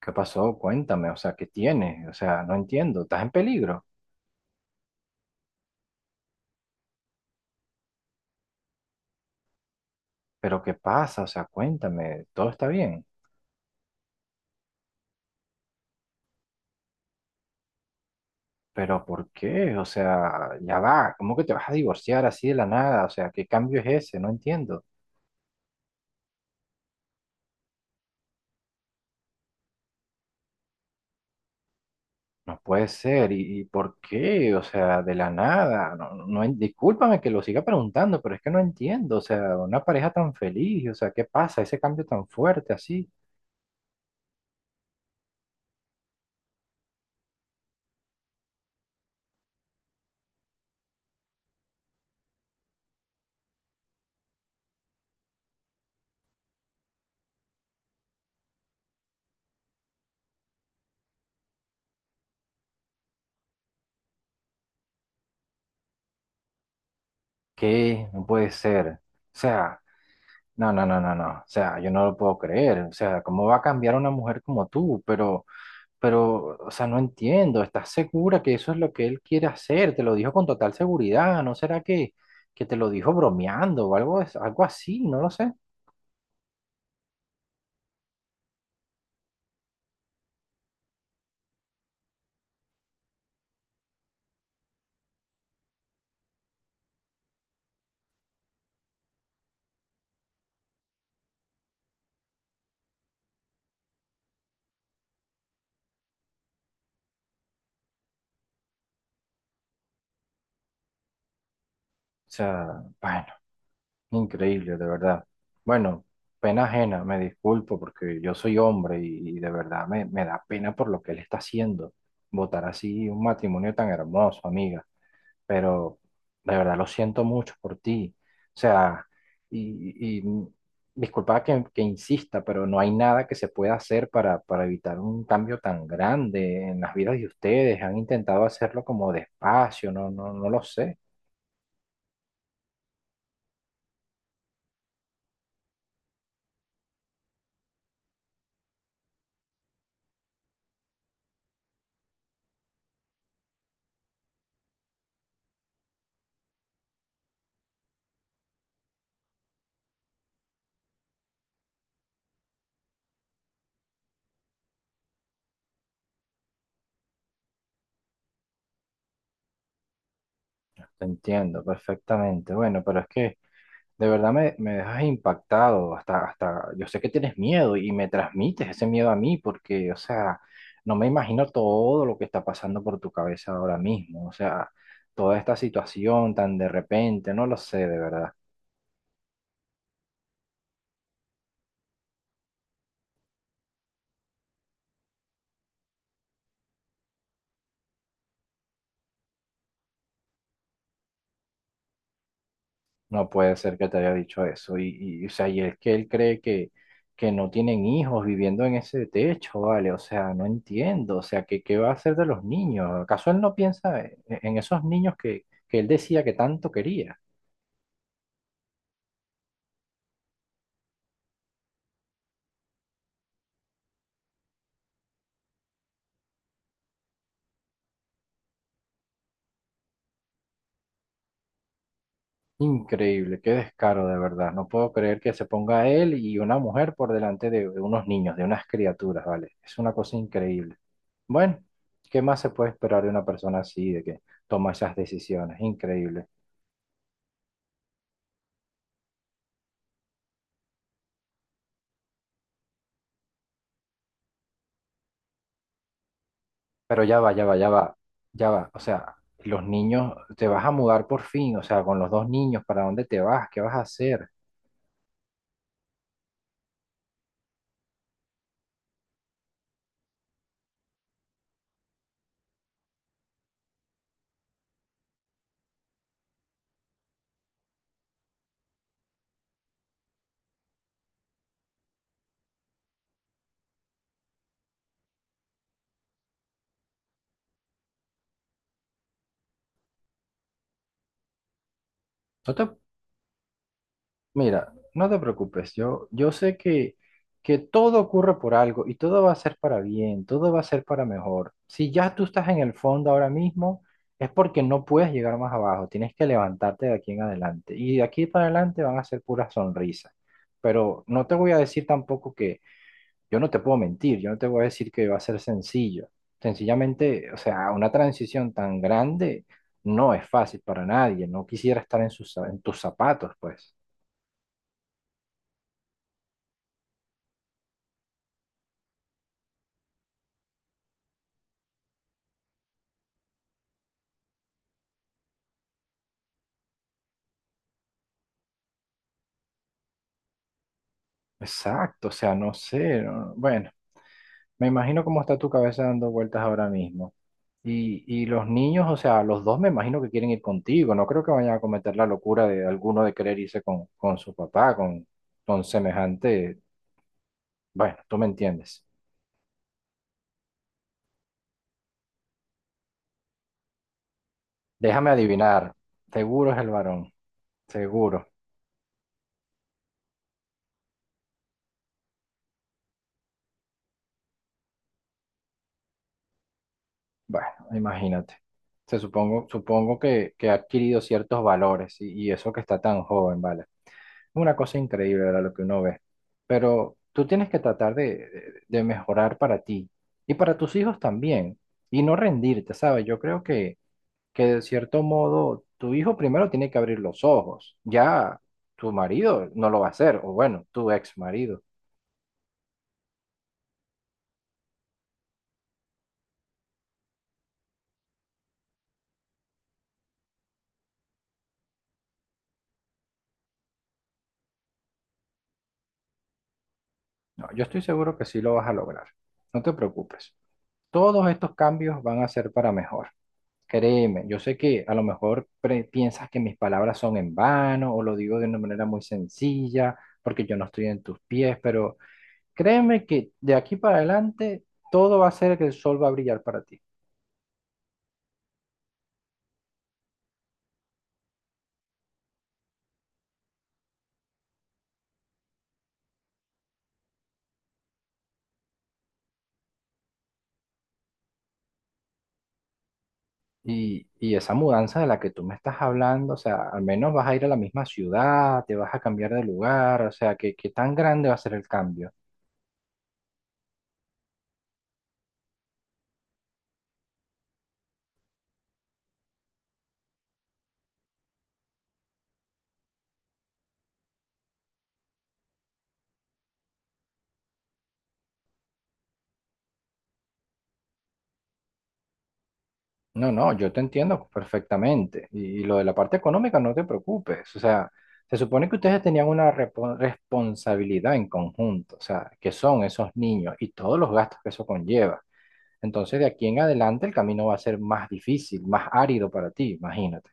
¿Qué pasó? Cuéntame, o sea, ¿qué tienes? O sea, no entiendo, estás en peligro, pero ¿qué pasa? O sea, cuéntame, todo está bien, pero ¿por qué? O sea, ya va, ¿cómo que te vas a divorciar así de la nada? O sea, ¿qué cambio es ese? No entiendo, no puede ser, ¿y por qué? O sea, de la nada, no, no, discúlpame que lo siga preguntando, pero es que no entiendo, o sea, una pareja tan feliz, o sea, ¿qué pasa? Ese cambio tan fuerte así, ¿qué? No puede ser, o sea... No, no, no, no, no. O sea, yo no lo puedo creer. O sea, ¿cómo va a cambiar una mujer como tú? Pero, o sea, no entiendo. ¿Estás segura que eso es lo que él quiere hacer? Te lo dijo con total seguridad. ¿No será que te lo dijo bromeando o algo, algo así? No lo sé. O sea, bueno, increíble, de verdad. Bueno, pena ajena, me disculpo porque yo soy hombre y de verdad me da pena por lo que él está haciendo. Votar así un matrimonio tan hermoso, amiga, pero de verdad lo siento mucho por ti. O sea, y, y mm, disculpa que insista, pero no hay nada que se pueda hacer para evitar un cambio tan grande en las vidas de ustedes. Han intentado hacerlo como despacio, no, no, no lo sé. Te entiendo perfectamente. Bueno, pero es que de verdad me dejas impactado, hasta, hasta yo sé que tienes miedo y me transmites ese miedo a mí porque, o sea, no me imagino todo lo que está pasando por tu cabeza ahora mismo, o sea, toda esta situación tan de repente, no lo sé, de verdad, no puede ser que te haya dicho eso o sea, y es que él cree que no tienen hijos viviendo en ese techo, ¿vale? O sea, no entiendo, o sea, ¿qué, qué va a hacer de los niños? ¿Acaso él no piensa en esos niños que él decía que tanto quería? Increíble, qué descaro de verdad. No puedo creer que se ponga él y una mujer por delante de unos niños, de unas criaturas, ¿vale? Es una cosa increíble. Bueno, ¿qué más se puede esperar de una persona así, de que toma esas decisiones? Increíble. Pero ya va. O sea, los niños, te vas a mudar por fin, o sea, con los dos niños, ¿para dónde te vas? ¿Qué vas a hacer? No te Mira, no te preocupes, yo sé que todo ocurre por algo y todo va a ser para bien, todo va a ser para mejor. Si ya tú estás en el fondo ahora mismo, es porque no puedes llegar más abajo, tienes que levantarte de aquí en adelante. Y de aquí para adelante van a ser puras sonrisas. Pero no te voy a decir tampoco que yo no te puedo mentir, yo no te voy a decir que va a ser sencillo. Sencillamente, o sea, una transición tan grande no es fácil para nadie, no quisiera estar en sus, en tus zapatos, pues. Exacto, o sea, no sé, bueno, me imagino cómo está tu cabeza dando vueltas ahora mismo. Y los niños, o sea, los dos me imagino que quieren ir contigo, no creo que vayan a cometer la locura de alguno de querer irse con su papá, con semejante, bueno, tú me entiendes. Déjame adivinar, seguro es el varón, seguro. Bueno, imagínate. Se supongo, supongo que ha adquirido ciertos valores y eso que está tan joven, ¿vale? Una cosa increíble era lo que uno ve. Pero tú tienes que tratar de, de mejorar para ti y para tus hijos también. Y no rendirte, ¿sabes? Yo creo que de cierto modo tu hijo primero tiene que abrir los ojos. Ya tu marido no lo va a hacer, o bueno, tu ex marido. No, yo estoy seguro que sí lo vas a lograr. No te preocupes. Todos estos cambios van a ser para mejor. Créeme, yo sé que a lo mejor piensas que mis palabras son en vano o lo digo de una manera muy sencilla porque yo no estoy en tus pies, pero créeme que de aquí para adelante todo va a ser que el sol va a brillar para ti. Y esa mudanza de la que tú me estás hablando, o sea, al menos vas a ir a la misma ciudad, te vas a cambiar de lugar, o sea, ¿qué, qué tan grande va a ser el cambio? No, no, yo te entiendo perfectamente. Y lo de la parte económica, no te preocupes. O sea, se supone que ustedes tenían una responsabilidad en conjunto, o sea, que son esos niños y todos los gastos que eso conlleva. Entonces, de aquí en adelante, el camino va a ser más difícil, más árido para ti, imagínate.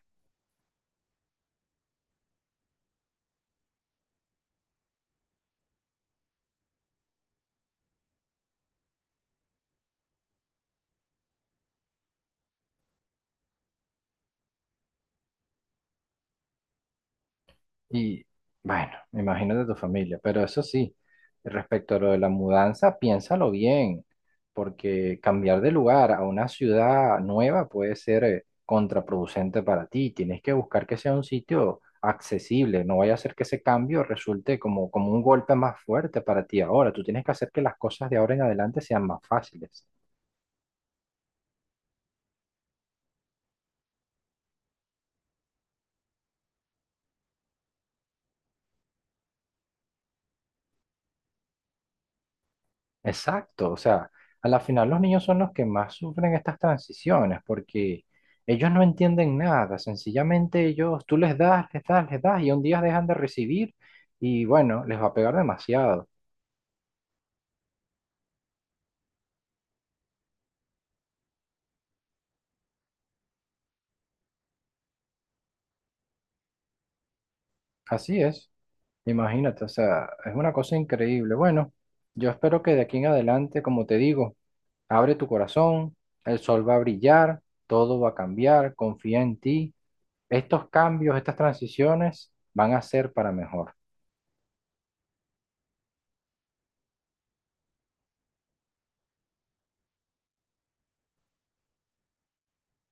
Y bueno, me imagino de tu familia, pero eso sí, respecto a lo de la mudanza, piénsalo bien, porque cambiar de lugar a una ciudad nueva puede ser contraproducente para ti. Tienes que buscar que sea un sitio accesible, no vaya a ser que ese cambio resulte como, como un golpe más fuerte para ti ahora. Tú tienes que hacer que las cosas de ahora en adelante sean más fáciles. Exacto, o sea, a la final los niños son los que más sufren estas transiciones porque ellos no entienden nada, sencillamente ellos, tú les das, les das, les das y un día dejan de recibir y bueno, les va a pegar demasiado. Así es, imagínate, o sea, es una cosa increíble. Bueno, yo espero que de aquí en adelante, como te digo, abre tu corazón, el sol va a brillar, todo va a cambiar, confía en ti. Estos cambios, estas transiciones van a ser para mejor.